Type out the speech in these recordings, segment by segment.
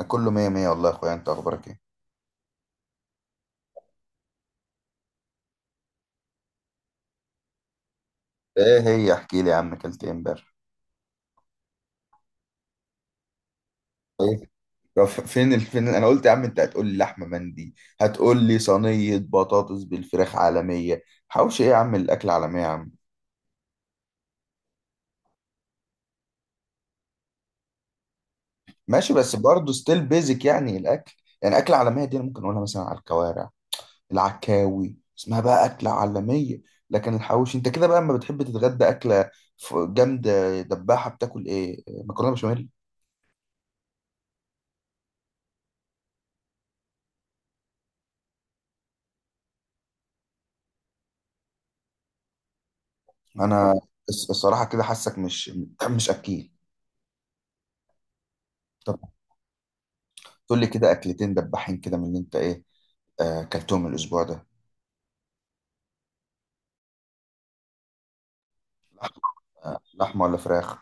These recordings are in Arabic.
أنا كله مية مية والله يا اخويا، انت اخبارك ايه؟ ايه هي؟ احكي لي يا عم اكلت ايه امبارح؟ طيب، فين فين؟ انا قلت يا عم انت هتقول لي لحمه مندي، هتقول لي صينيه بطاطس بالفراخ عالميه. حوش ايه يا عم؟ الاكل عالميه يا عم. ماشي بس برضه ستيل بيزك يعني الاكل. يعني اكل عالميه دي انا ممكن اقولها مثلا على الكوارع، العكاوي اسمها بقى اكله عالميه. لكن الحوش انت كده بقى لما بتحب تتغدى اكله جامده دباحه، بتاكل ايه؟ مكرونه بشاميل. انا الصراحه كده حاسك مش مش اكيل. طب تقول لي كده اكلتين دباحين كده من اللي انت ايه؟ اكلتهم الاسبوع ده. لحمه ولا فراخ؟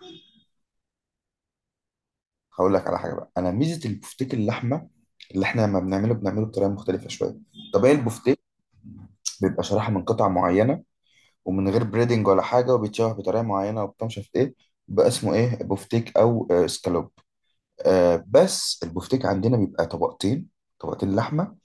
هقول لك على حاجه بقى. انا ميزه البفتيك اللحمه اللي احنا لما بنعمله بنعمله بطريقه مختلفه شويه. طبيعي البفتيك بيبقى شرايح من قطع معينه ومن غير بريدنج ولا حاجه، وبيتشوح بطريقه معينه وبتاع، مش عارف ايه، بقى اسمه ايه، بفتيك او اسكالوب. بس البفتيك عندنا بيبقى طبقتين، طبقتين لحمه،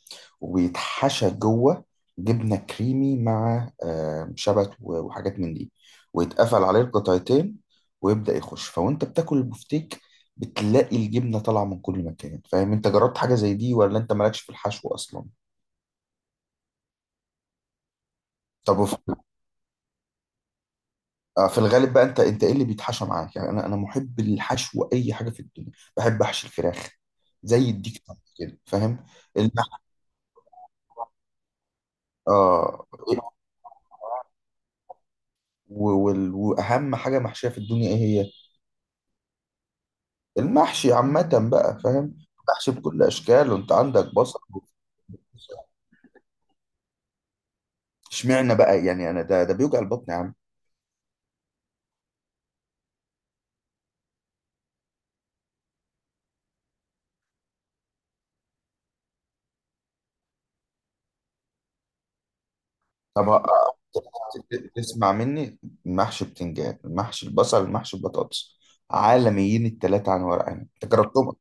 ويتحشى جوه جبنة كريمي مع شبت وحاجات من دي، ويتقفل عليه القطعتين، ويبدأ يخش. فوانت بتاكل البفتيك بتلاقي الجبنة طالعة من كل مكان. فاهم؟ انت جربت حاجة زي دي ولا انت مالكش في الحشو اصلا؟ طب وف- في الغالب بقى انت ايه اللي بيتحشى معاك؟ يعني انا محب الحشو، اي حاجة في الدنيا. بحب احشي الفراخ، زي الديك طبعاً، كده فاهم؟ النح- اه، واهم حاجة محشية في الدنيا ايه هي؟ المحشي عامة بقى، فاهم؟ محشي بكل أشكاله، أنت عندك بصل وفلفل. اشمعنى بقى؟ يعني أنا ده بيوجع البطن يا عم. طب ه- تسمع مني، محشي بتنجان، محشي البصل، محشي البطاطس، عالميين التلاتة عن ورق عنب. أنت جربتهم؟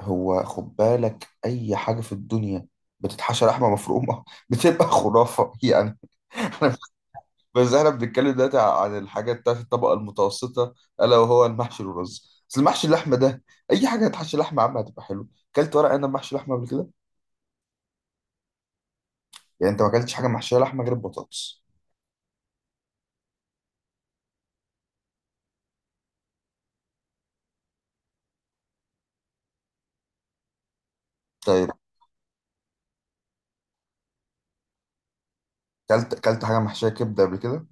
هو خد بالك، أي حاجة في الدنيا بتتحشى لحمة مفرومة بتبقى خرافة يعني. بس احنا بنتكلم دلوقتي عن الحاجات بتاعت الطبقة المتوسطة، ألا وهو المحشي والرز. بس المحشي اللحمة ده، أي حاجة هتحشي لحمة عامة هتبقى حلو. كلت ورق عنب محشي لحمة قبل كده؟ يعني أنت ما كلتش حاجة محشية لحمة غير البطاطس؟ طيب، كلت كلت حاجة محشية كبدة قبل كده؟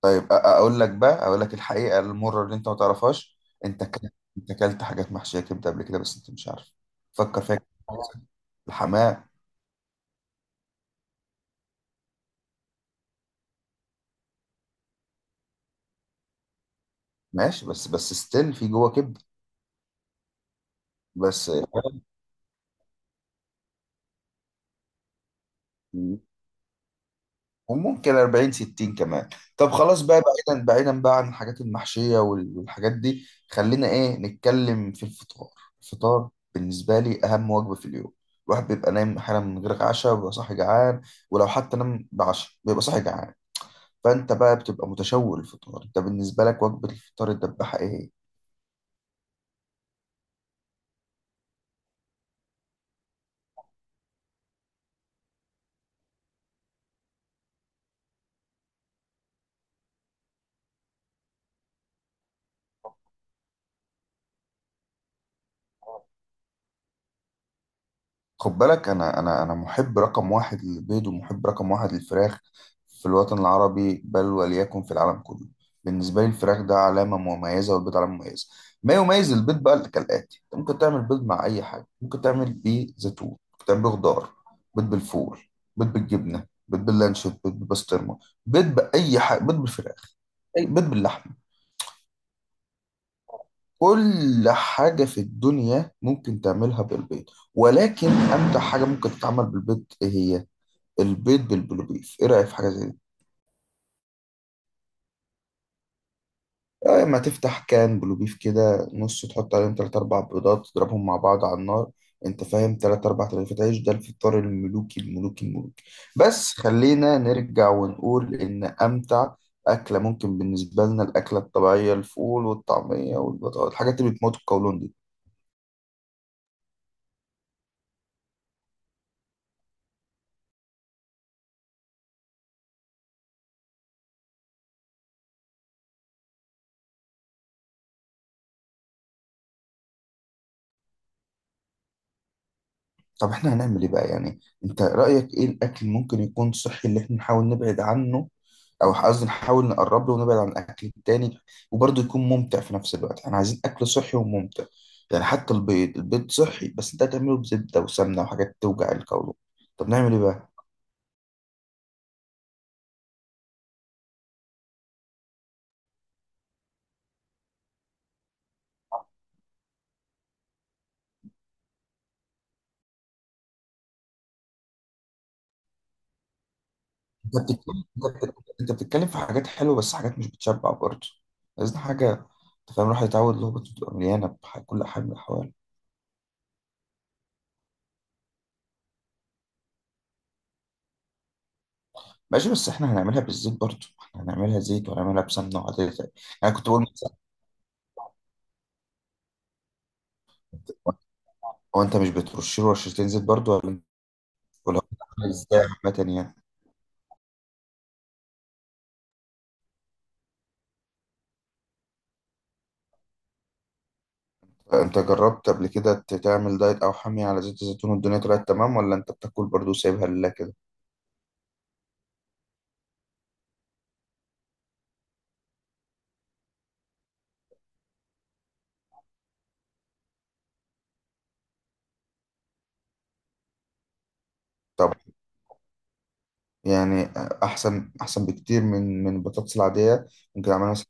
طيب أقول لك بقى، أقول لك الحقيقة المرة اللي أنت ما تعرفهاش. أنت كلت، أنت كلت حاجات محشية كبدة قبل كده بس أنت مش عارف. فكر فيها كده. الحمام. ماشي بس ستيل في جوه كبدة. بس. وممكن 40 60 كمان. طب خلاص بقى. بعيدا بعيدا بقى عن الحاجات المحشية والحاجات دي، خلينا ايه نتكلم في الفطار. الفطار بالنسبة لي أهم وجبة في اليوم. الواحد بيبقى نايم أحيانا من غير عشاء وبيبقى صاحي جعان. ولو حتى نام بعشاء بيبقى صاحي جعان. فأنت بقى بتبقى متشوق للفطار. أنت بالنسبة لك وجبة الفطار الدباحة إيه؟ خد بالك، انا محب رقم واحد للبيض ومحب رقم واحد للفراخ في الوطن العربي، بل وليكن في العالم كله. بالنسبه لي الفراخ ده علامه مميزه والبيض علامه مميزه. ما يميز البيض بقى كالاتي: انت ممكن تعمل بيض مع اي حاجه، ممكن تعمل بيه زيتون، ممكن تعمل بيه خضار، بيض بالفول، بيض بالجبنه، بيض باللانشون، بيض بالبسطرمه، بيض باي حاجه، بيض بالفراخ، أي بيض باللحمه. كل حاجه في الدنيا ممكن تعملها بالبيض، ولكن امتع حاجه ممكن تتعمل بالبيض ايه هي؟ البيض بالبلو بيف. ايه رأيك في حاجة زي دي؟ اما تفتح كان بلو بيف كده نص، تحط عليهم تلات اربع بيضات تضربهم مع بعض على النار، انت فاهم، تلات اربع رغيفات عيش. ده الفطار الملوكي الملوكي الملوكي. بس خلينا نرجع ونقول ان امتع اكلة ممكن بالنسبة لنا، الاكلة الطبيعية، الفول والطعمية والبطاطا، الحاجات اللي بتموت القولون دي. طب احنا هنعمل ايه بقى يعني؟ انت رأيك ايه؟ الاكل ممكن يكون صحي اللي احنا نحاول نبعد عنه، او قصدي نحاول نقرب له ونبعد عن الاكل التاني، وبرضه يكون ممتع في نفس الوقت. احنا عايزين اكل صحي وممتع. يعني حتى البيض، البيض صحي بس انت هتعمله بزبده وسمنه وحاجات توجع القولون. طب نعمل ايه بقى؟ انت بتتكلم انت بتتكلم انت بتتكلم في حاجات حلوه بس حاجات مش بتشبع برضه. عايزين حاجه، انت فاهم، الواحد يتعود اللي هو بتبقى مليانه بكل حاجه من الحوال. ماشي بس احنا هنعملها بالزيت برضه، احنا هنعملها زيت وهنعملها بسمنه وعادي. انا كنت بقول مثلا، هو انت مش بترش له رشتين زيت برضه ولا؟ ولا هو بيتعمل ازاي عامه يعني؟ انت جربت قبل كده تعمل دايت او حمية على زيت الزيتون والدنيا طلعت تمام، ولا انت بتاكل برضو سايبها لله كده؟ طب يعني احسن احسن بكتير من البطاطس العادية. ممكن اعملها مثلا.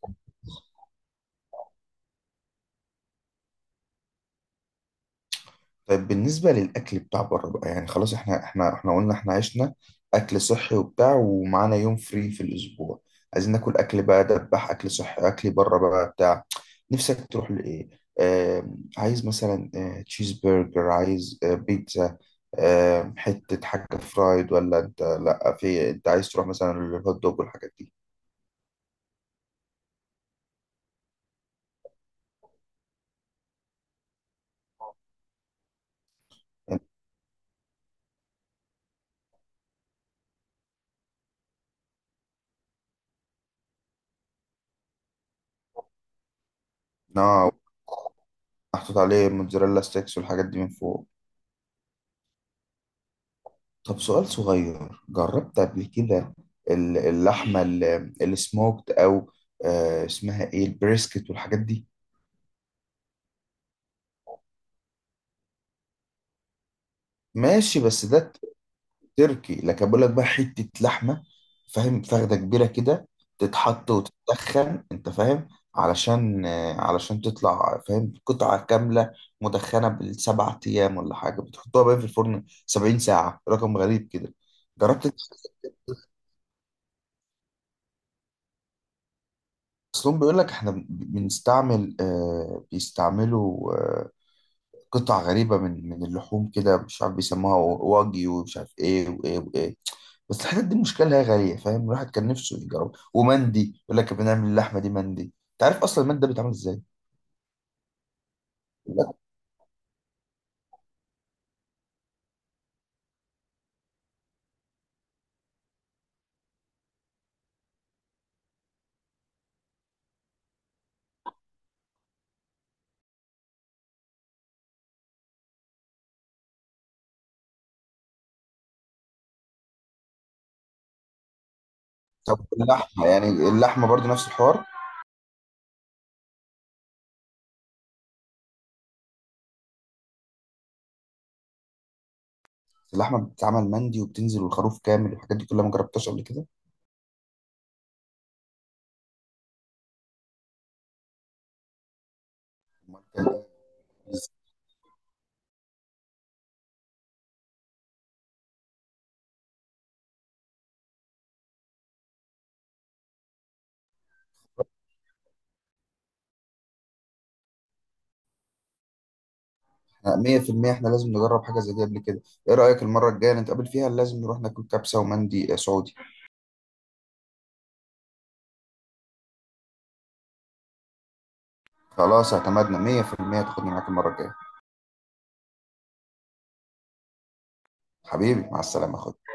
طيب بالنسبة للاكل بتاع بره بقى، يعني خلاص، احنا قلنا احنا عشنا اكل صحي وبتاع، ومعانا يوم فري في الاسبوع. عايزين ناكل اكل بقى دبح، اكل صحي، اكل بره بقى بتاع. نفسك تروح لايه؟ آه، عايز مثلا آه تشيز برجر، عايز آه بيتزا، حتة حاجة فرايد، ولا انت لا، في انت عايز تروح مثلا للهوت دوج والحاجات دي؟ نوع محطوط عليه موتزاريلا ستيكس والحاجات دي من فوق. طب سؤال صغير، جربت قبل كده اللحمة السموكت او اسمها ايه، البريسكت والحاجات دي؟ ماشي بس ده تركي. لكن بقول لك بقى، حتة لحمة، فاهم، فخدة كبيرة كده، تتحط وتتدخن، انت فاهم، علشان علشان تطلع، فاهم، قطعة كاملة مدخنة بالسبع ايام، ولا حاجة بتحطوها بقى في الفرن 70 ساعة، رقم غريب كده. جربت؟ اصلهم بيقول لك احنا بنستعمل آه، بيستعملوا آه، قطع غريبة من اللحوم كده، مش عارف بيسموها واجي ومش عارف ايه وايه وايه. بس الحتت دي المشكله اللي هي غاليه، فاهم، الواحد كان نفسه يجرب. ومندي يقول لك بنعمل اللحمه دي مندي. انت عارف اصلا المندي ده بيتعمل ازاي؟ يقول لك. طب اللحمه يعني اللحمه برضو نفس الحوار؟ اللحمه بتتعمل مندي وبتنزل والخروف كامل والحاجات دي كلها، ما جربتهاش قبل كده؟ أمال كان إيه؟ احنا 100% احنا لازم نجرب حاجه زي دي قبل كده. ايه رايك المره الجايه نتقابل فيها لازم نروح ناكل كبسه ومندي سعودي. خلاص، اعتمدنا 100%، تاخدني معاك المره الجايه. حبيبي مع السلامه يا أخويا.